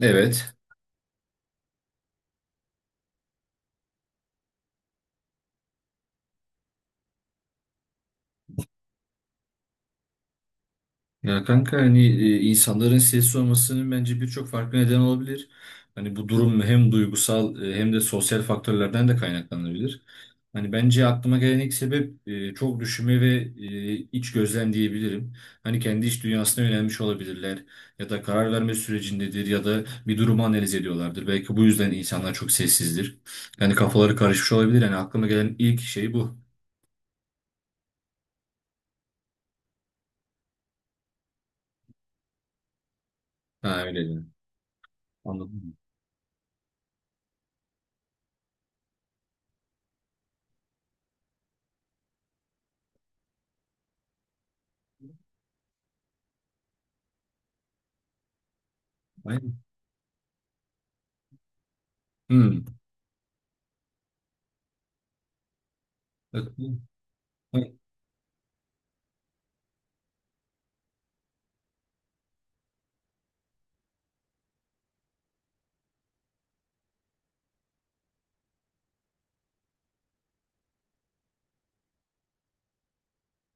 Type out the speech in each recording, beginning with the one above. Evet. Ya kanka hani insanların sessiz olmasının bence birçok farklı neden olabilir. Hani bu durum hem duygusal, hem de sosyal faktörlerden de kaynaklanabilir. Hani bence aklıma gelen ilk sebep çok düşünme ve iç gözlem diyebilirim. Hani kendi iç dünyasına yönelmiş olabilirler ya da karar verme sürecindedir ya da bir durumu analiz ediyorlardır. Belki bu yüzden insanlar çok sessizdir. Yani kafaları karışmış olabilir. Yani aklıma gelen ilk şey bu. Ha öyle, diyorum. Anladım. Aynen. Hmm.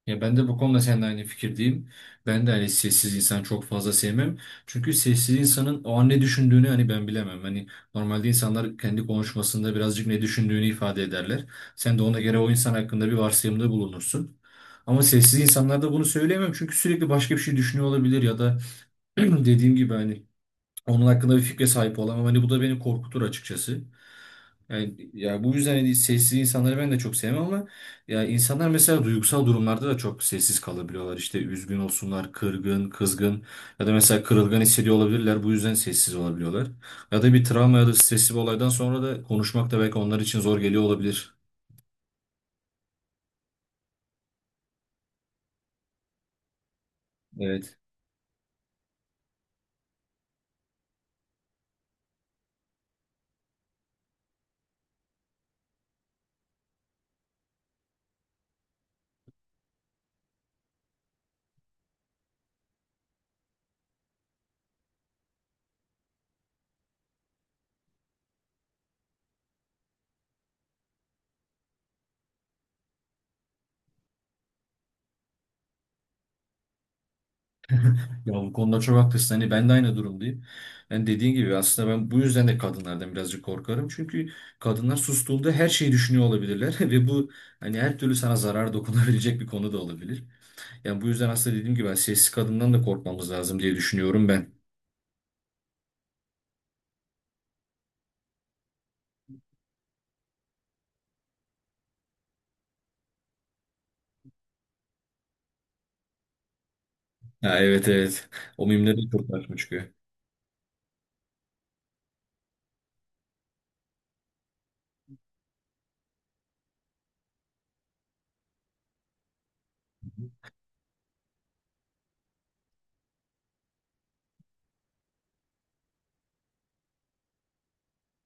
Ya ben de bu konuda seninle aynı fikirdeyim. Ben de hani sessiz insan çok fazla sevmem. Çünkü sessiz insanın o an ne düşündüğünü hani ben bilemem. Hani normalde insanlar kendi konuşmasında birazcık ne düşündüğünü ifade ederler. Sen de ona göre o insan hakkında bir varsayımda bulunursun. Ama sessiz insanlarda bunu söyleyemem çünkü sürekli başka bir şey düşünüyor olabilir ya da dediğim gibi hani onun hakkında bir fikre sahip olamam. Hani bu da beni korkutur açıkçası. Yani, ya bu yüzden hani sessiz insanları ben de çok sevmem ama ya insanlar mesela duygusal durumlarda da çok sessiz kalabiliyorlar. İşte üzgün olsunlar, kırgın, kızgın ya da mesela kırılgan hissediyor olabilirler. Bu yüzden sessiz olabiliyorlar. Ya da bir travma ya da stresli bir olaydan sonra da konuşmak da belki onlar için zor geliyor olabilir. Evet. Ya bu konuda çok haklısın. Hani ben de aynı durumdayım. Yani dediğin gibi aslında ben bu yüzden de kadınlardan birazcık korkarım. Çünkü kadınlar sustuğunda her şeyi düşünüyor olabilirler ve bu hani her türlü sana zarar dokunabilecek bir konu da olabilir. Yani bu yüzden aslında dediğim gibi ben sessiz kadından da korkmamız lazım diye düşünüyorum ben. Ha, evet evet. O mimleri çok karşıma çıkıyor.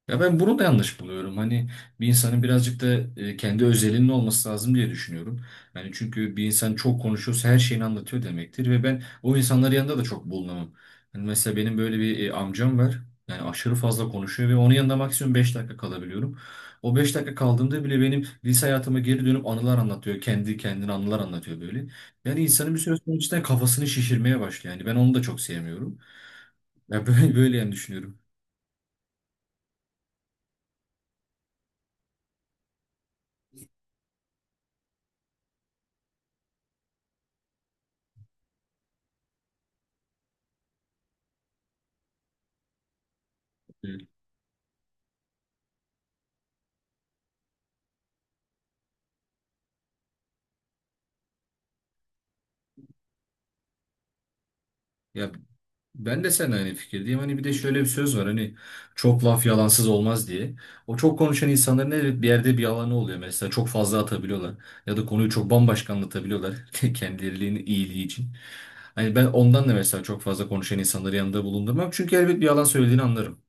Ya ben bunu da yanlış buluyorum. Hani bir insanın birazcık da kendi özelinin olması lazım diye düşünüyorum. Yani çünkü bir insan çok konuşuyorsa her şeyini anlatıyor demektir ve ben o insanların yanında da çok bulunamam. Hani mesela benim böyle bir amcam var. Yani aşırı fazla konuşuyor ve onun yanında maksimum 5 dakika kalabiliyorum. O 5 dakika kaldığımda bile benim lise hayatıma geri dönüp anılar anlatıyor. Kendi kendine anılar anlatıyor böyle. Yani insanın bir süre sonra cidden kafasını şişirmeye başlıyor. Yani ben onu da çok sevmiyorum. Ya böyle, böyle yani düşünüyorum. Evet. Ya ben de seninle aynı fikirdeyim. Hani bir de şöyle bir söz var. Hani çok laf yalansız olmaz diye. O çok konuşan insanların evet bir yerde bir yalanı oluyor. Mesela çok fazla atabiliyorlar. Ya da konuyu çok bambaşka anlatabiliyorlar. Kendilerinin iyiliği için. Hani ben ondan da mesela çok fazla konuşan insanları yanında bulundurmam. Çünkü elbet bir yalan söylediğini anlarım.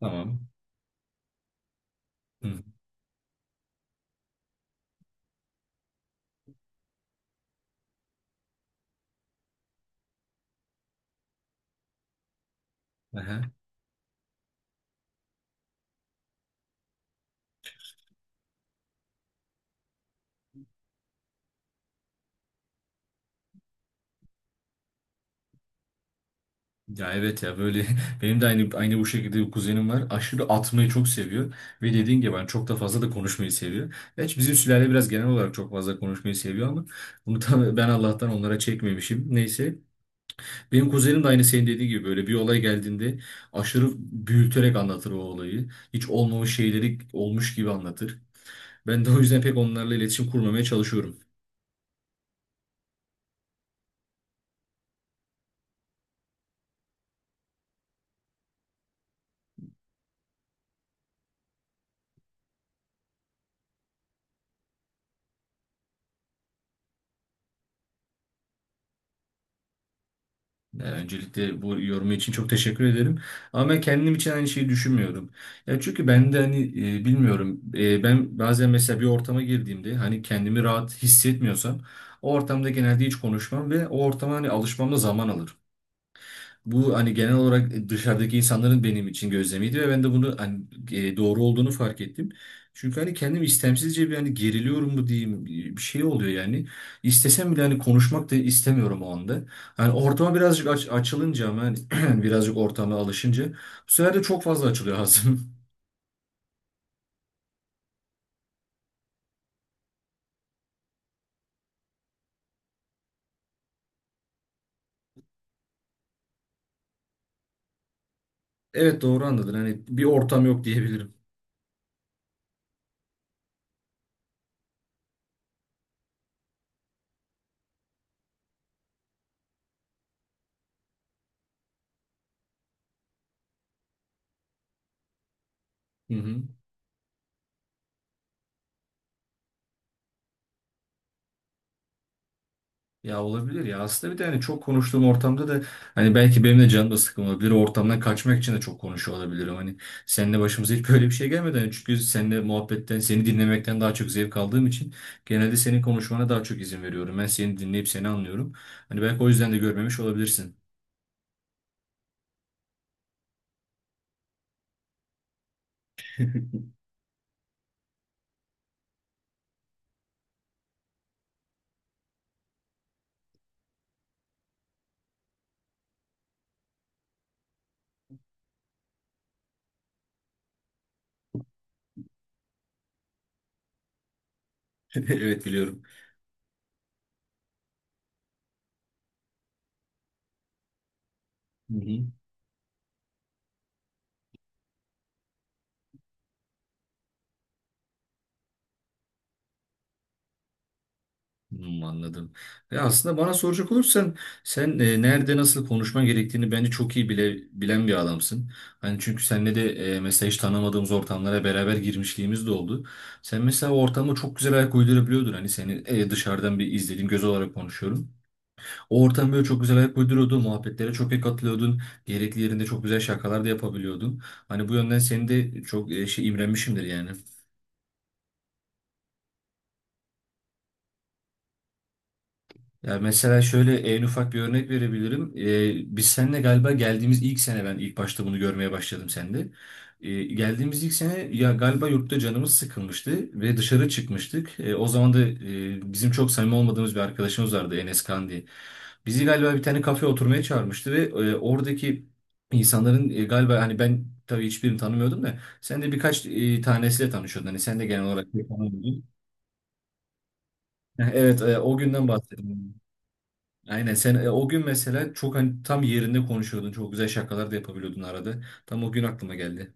Tamam. Hı. Aha. Ya evet ya böyle benim de aynı bu şekilde bir kuzenim var. Aşırı atmayı çok seviyor ve dediğin gibi ben çok fazla konuşmayı seviyor. Gerçi bizim sülale biraz genel olarak çok fazla konuşmayı seviyor ama bunu da ben Allah'tan onlara çekmemişim. Neyse. Benim kuzenim de aynı senin dediğin gibi böyle bir olay geldiğinde aşırı büyüterek anlatır o olayı. Hiç olmamış şeyleri olmuş gibi anlatır. Ben de o yüzden pek onlarla iletişim kurmamaya çalışıyorum. Ya, öncelikle bu yorumu için çok teşekkür ederim. Ama ben kendim için aynı şeyi düşünmüyorum. Ya çünkü ben de hani bilmiyorum. Ben bazen mesela bir ortama girdiğimde hani kendimi rahat hissetmiyorsam o ortamda genelde hiç konuşmam ve o ortama hani alışmam da zaman alır. Bu hani genel olarak dışarıdaki insanların benim için gözlemiydi ve ben de bunu hani doğru olduğunu fark ettim. Çünkü hani kendim istemsizce bir hani geriliyorum mu diyeyim, bir şey oluyor yani. İstesem bile hani konuşmak da istemiyorum o anda. Hani ortama birazcık açılınca ama hani birazcık ortama alışınca bu sefer de çok fazla açılıyor ağzım. Evet doğru anladın. Hani bir ortam yok diyebilirim. Hı hı. Ya olabilir ya. Aslında bir de hani çok konuştuğum ortamda da hani belki benim de canım da sıkkın olabilir. O ortamdan kaçmak için de çok konuşuyor olabilirim. Hani seninle başımıza hiç böyle bir şey gelmedi. Hani çünkü seninle muhabbetten, seni dinlemekten daha çok zevk aldığım için genelde senin konuşmana daha çok izin veriyorum. Ben seni dinleyip seni anlıyorum. Hani belki o yüzden de görmemiş olabilirsin. Evet biliyorum. Hı hı. Hmm, anladım. Ve aslında bana soracak olursan sen nerede nasıl konuşman gerektiğini bence çok iyi bile bilen bir adamsın. Hani çünkü seninle de mesela hiç tanımadığımız ortamlara beraber girmişliğimiz de oldu. Sen mesela o ortama çok güzel ayak uydurabiliyordun. Hani seni dışarıdan bir izlediğim göz olarak konuşuyorum. O ortam böyle çok güzel ayak uyduruyordun. Muhabbetlere çok iyi katılıyordun. Gerekli yerinde çok güzel şakalar da yapabiliyordun. Hani bu yönden seni de çok şey imrenmişimdir yani. Ya mesela şöyle en ufak bir örnek verebilirim. Biz seninle galiba geldiğimiz ilk sene ben ilk başta bunu görmeye başladım sende. Geldiğimiz ilk sene ya galiba yurtta canımız sıkılmıştı ve dışarı çıkmıştık. O zaman da bizim çok samimi olmadığımız bir arkadaşımız vardı Enes Kan diye. Bizi galiba bir tane kafeye oturmaya çağırmıştı ve oradaki insanların galiba hani ben tabii hiçbirini tanımıyordum da sen de birkaç tanesiyle tanışıyordun. Hani sen de genel olarak tanımıyordun. Evet o günden bahsediyorum. Aynen sen o gün mesela çok hani tam yerinde konuşuyordun. Çok güzel şakalar da yapabiliyordun arada. Tam o gün aklıma geldi.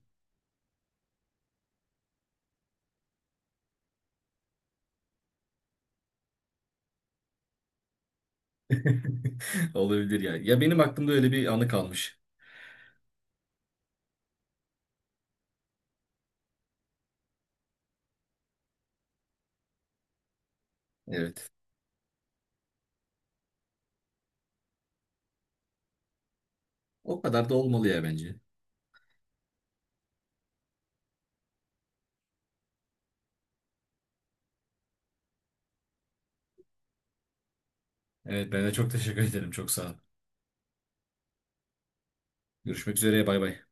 Olabilir ya. Ya benim aklımda öyle bir anı kalmış. Evet. O kadar da olmalı ya bence. Evet ben de çok teşekkür ederim. Çok sağ ol. Görüşmek üzere. Bay bay.